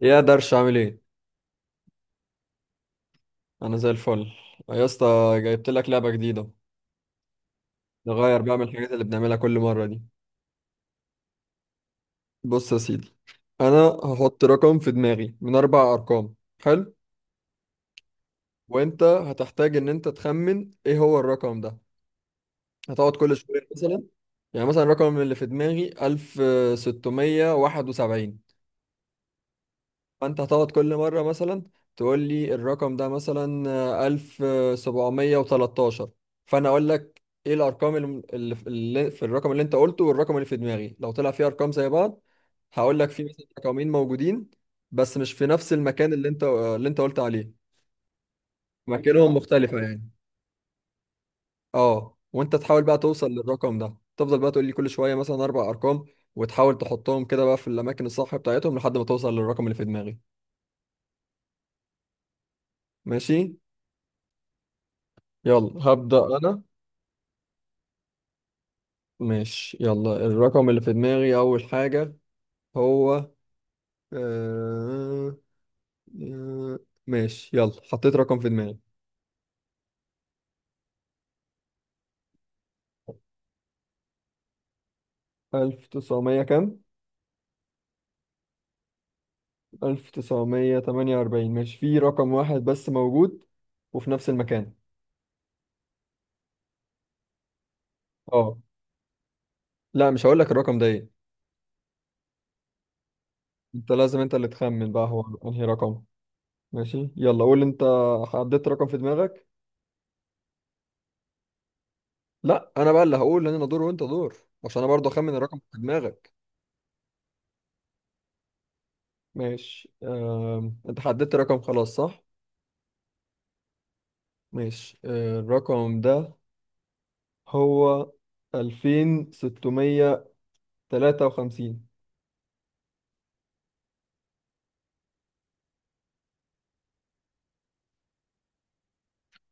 يا درش، عامل ايه؟ انا زي الفل يا اسطى. جايبت لك لعبه جديده. نغير بقى من الحاجات اللي بنعملها كل مره دي. بص يا سيدي، انا هحط رقم في دماغي من اربع ارقام. حلو. وانت هتحتاج ان انت تخمن ايه هو الرقم ده. هتقعد كل شويه مثلا. يعني مثلا الرقم اللي في دماغي 1671. فانت هتقعد كل مرة مثلا تقول لي الرقم ده مثلا 1713. فانا اقول لك ايه الارقام اللي في الرقم اللي انت قلته والرقم اللي في دماغي، لو طلع فيه ارقام زي بعض هقول لك في مثلا رقمين موجودين بس مش في نفس المكان اللي انت قلت عليه. مكانهم مختلفة يعني. اه، وانت تحاول بقى توصل للرقم ده، تفضل بقى تقول لي كل شوية مثلا اربع ارقام وتحاول تحطهم كده بقى في الاماكن الصح بتاعتهم لحد ما توصل للرقم اللي في دماغي. ماشي، يلا هبدأ انا. ماشي، يلا الرقم اللي في دماغي أول حاجة هو آه... آه، ماشي، يلا حطيت رقم في دماغي. ألف تسعمية كام؟ 1948 ماشي، في رقم واحد بس موجود وفي نفس المكان. اه. لا، مش هقول لك الرقم ده ايه. انت لازم انت اللي تخمن بقى هو انهي رقم. ماشي، يلا قول انت. حددت رقم في دماغك. لا، انا بقى اللي هقول ان انا دور وانت دور. عشان انا برضه اخمن الرقم في دماغك. ماشي. انت حددت رقم خلاص، صح؟ ماشي، الرقم ده هو 2653.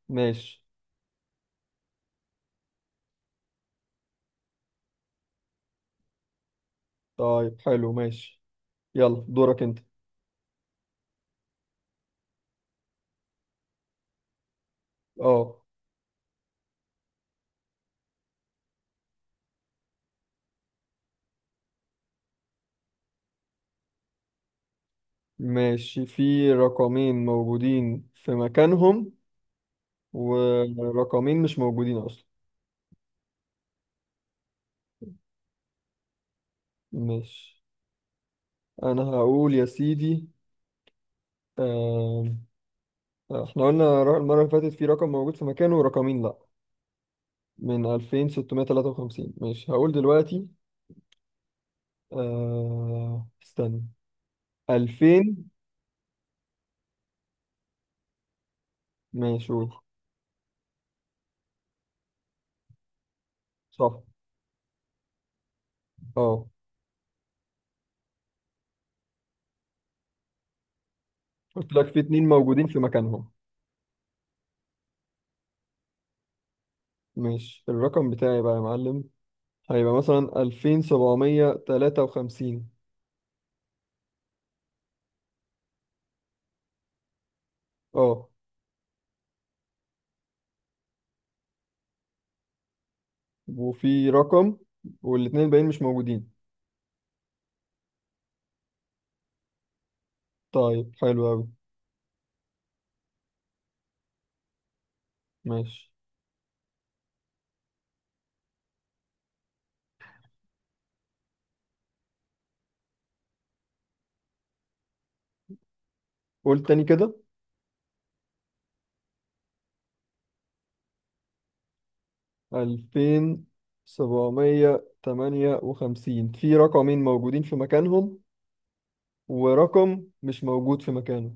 ماشي. طيب حلو، ماشي. يلا دورك انت. اه. ماشي، في رقمين موجودين في مكانهم ورقمين مش موجودين اصلا. ماشي. انا هقول يا سيدي. آم، احنا قلنا المرة اللي فاتت في رقم موجود في مكانه ورقمين لا، من 2653. ماشي هقول دلوقتي. آه، استنى. ماشي قول. صح، اه، قلت لك في اتنين موجودين في مكانهم. ماشي. الرقم بتاعي بقى يا معلم هيبقى مثلا 2753. اه، وفي رقم والاتنين الباقيين مش موجودين. طيب حلو أوي. ماشي. قول تاني كده. 2758 في رقمين موجودين في مكانهم ورقم مش موجود في مكانه.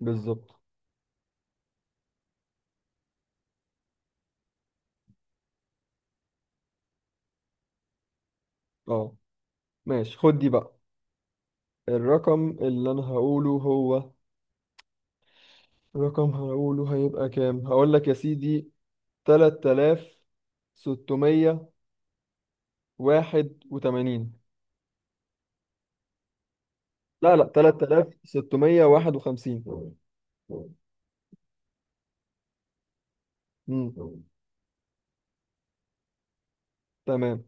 بالظبط. اه. ماشي، خد دي بقى. الرقم اللي أنا هقوله هو رقم هقوله هيبقى كام. هقول لك يا سيدي 3681. لا لا، 3651. امم. تمام.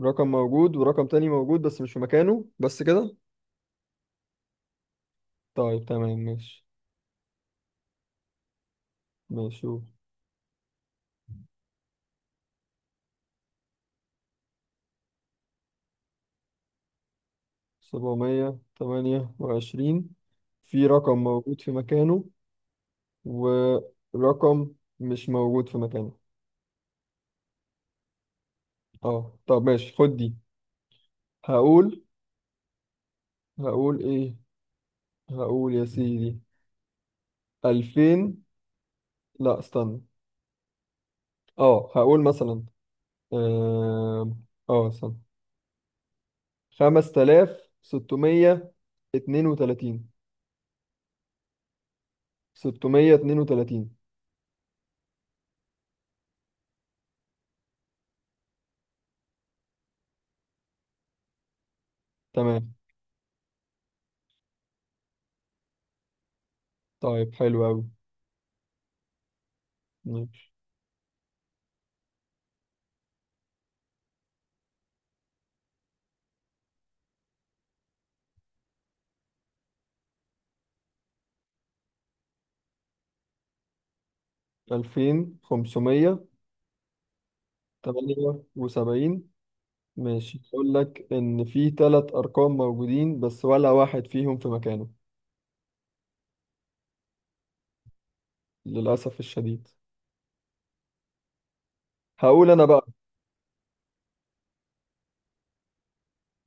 رقم موجود ورقم تاني موجود بس مش في مكانه، بس كده. طيب تمام، ماشي. ماشي شوف. 728، في رقم موجود في مكانه ورقم مش موجود في مكانه. اه، طب ماشي خد دي. هقول هقول ايه. هقول يا سيدي 2000. لا، استنى. اه هقول مثلا. اه استنى. 5632. 632. تمام. طيب حلو قوي. ماشي. 2578. ماشي، اقول لك ان في ثلاث ارقام موجودين بس ولا واحد فيهم في مكانه. للاسف الشديد. هقول انا بقى.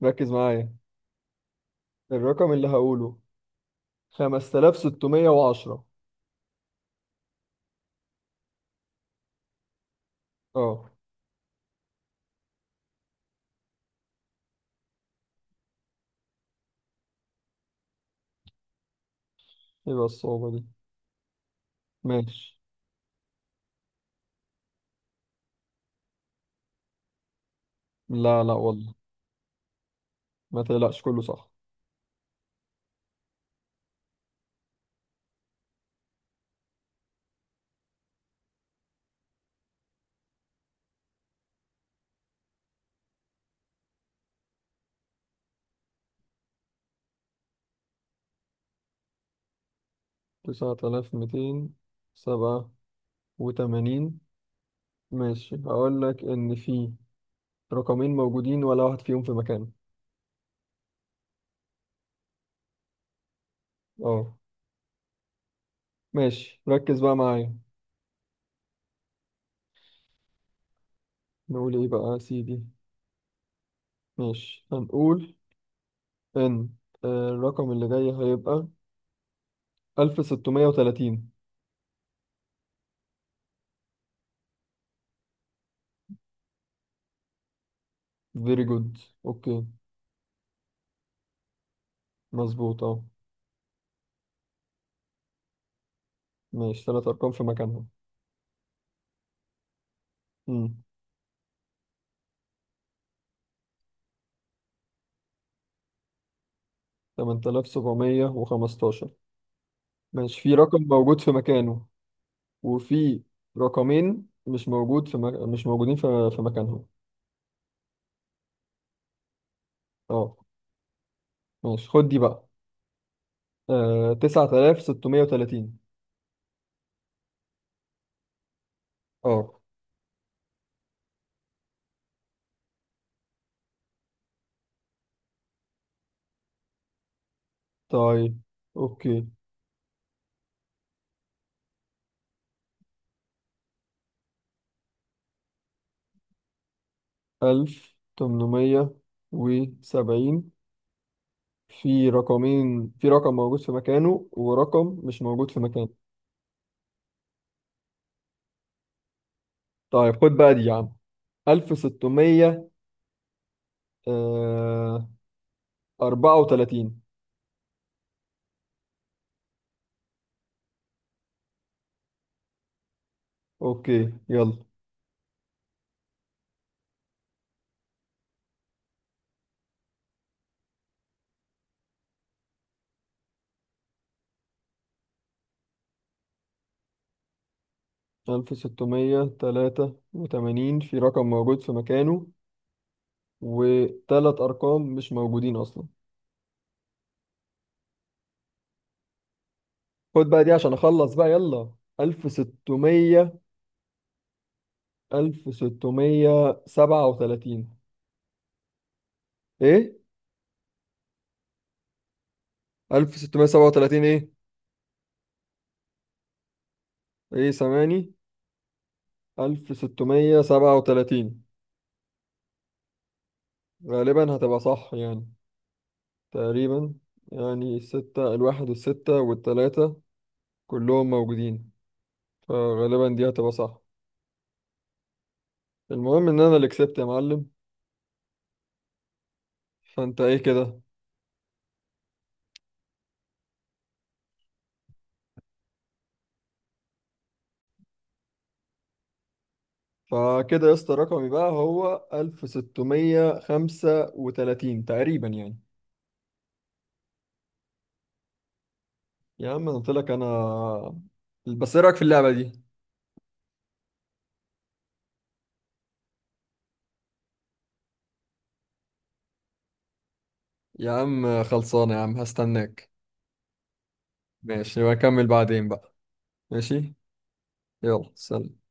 ركز معايا. الرقم اللي هقوله 5610. اه. يبقى الصعوبة دي. ماشي. لا لا والله. ما تقلقش، كله صح. 9287. ماشي هقول لك إن في رقمين موجودين ولا واحد فيهم في مكانه. اه. ماشي، ركز بقى معايا. نقول إيه بقى يا سيدي. ماشي هنقول إن الرقم اللي جاي هيبقى 1630. فيري جود. أوكي. مظبوط، اه. ماشي، تلات أرقام في مكانهم. 8715. ماشي، في رقم موجود في مكانه وفي رقمين مش موجودين في مكانهم. اه. ماشي خد دي بقى. 9630. اه. طيب. اوكي. 1870، في رقم موجود في مكانه ورقم مش موجود في مكانه. طيب خد بقى دي يا عم. 1634. اوكي يلا. 1683 في رقم موجود في مكانه وتلات أرقام مش موجودين أصلا. خد بقى دي عشان أخلص بقى، يلا. ألف ستمية. 1637. إيه؟ 1637 إيه؟ إيه، سامعني؟ 1637 غالبا هتبقى صح يعني. تقريبا. يعني الستة الواحد والستة والتلاتة كلهم موجودين. فغالبا دي هتبقى صح. المهم إن أنا اللي كسبت يا معلم. فأنت إيه كده؟ فكده يا اسطى رقمي بقى هو 1635 تقريبا يعني. يا عم انا قلت لك انا. بس ايه رايك في اللعبه دي. يا عم خلصانه، يا عم هستناك. ماشي نبقى نكمل بعدين بقى. ماشي. يلا سلام.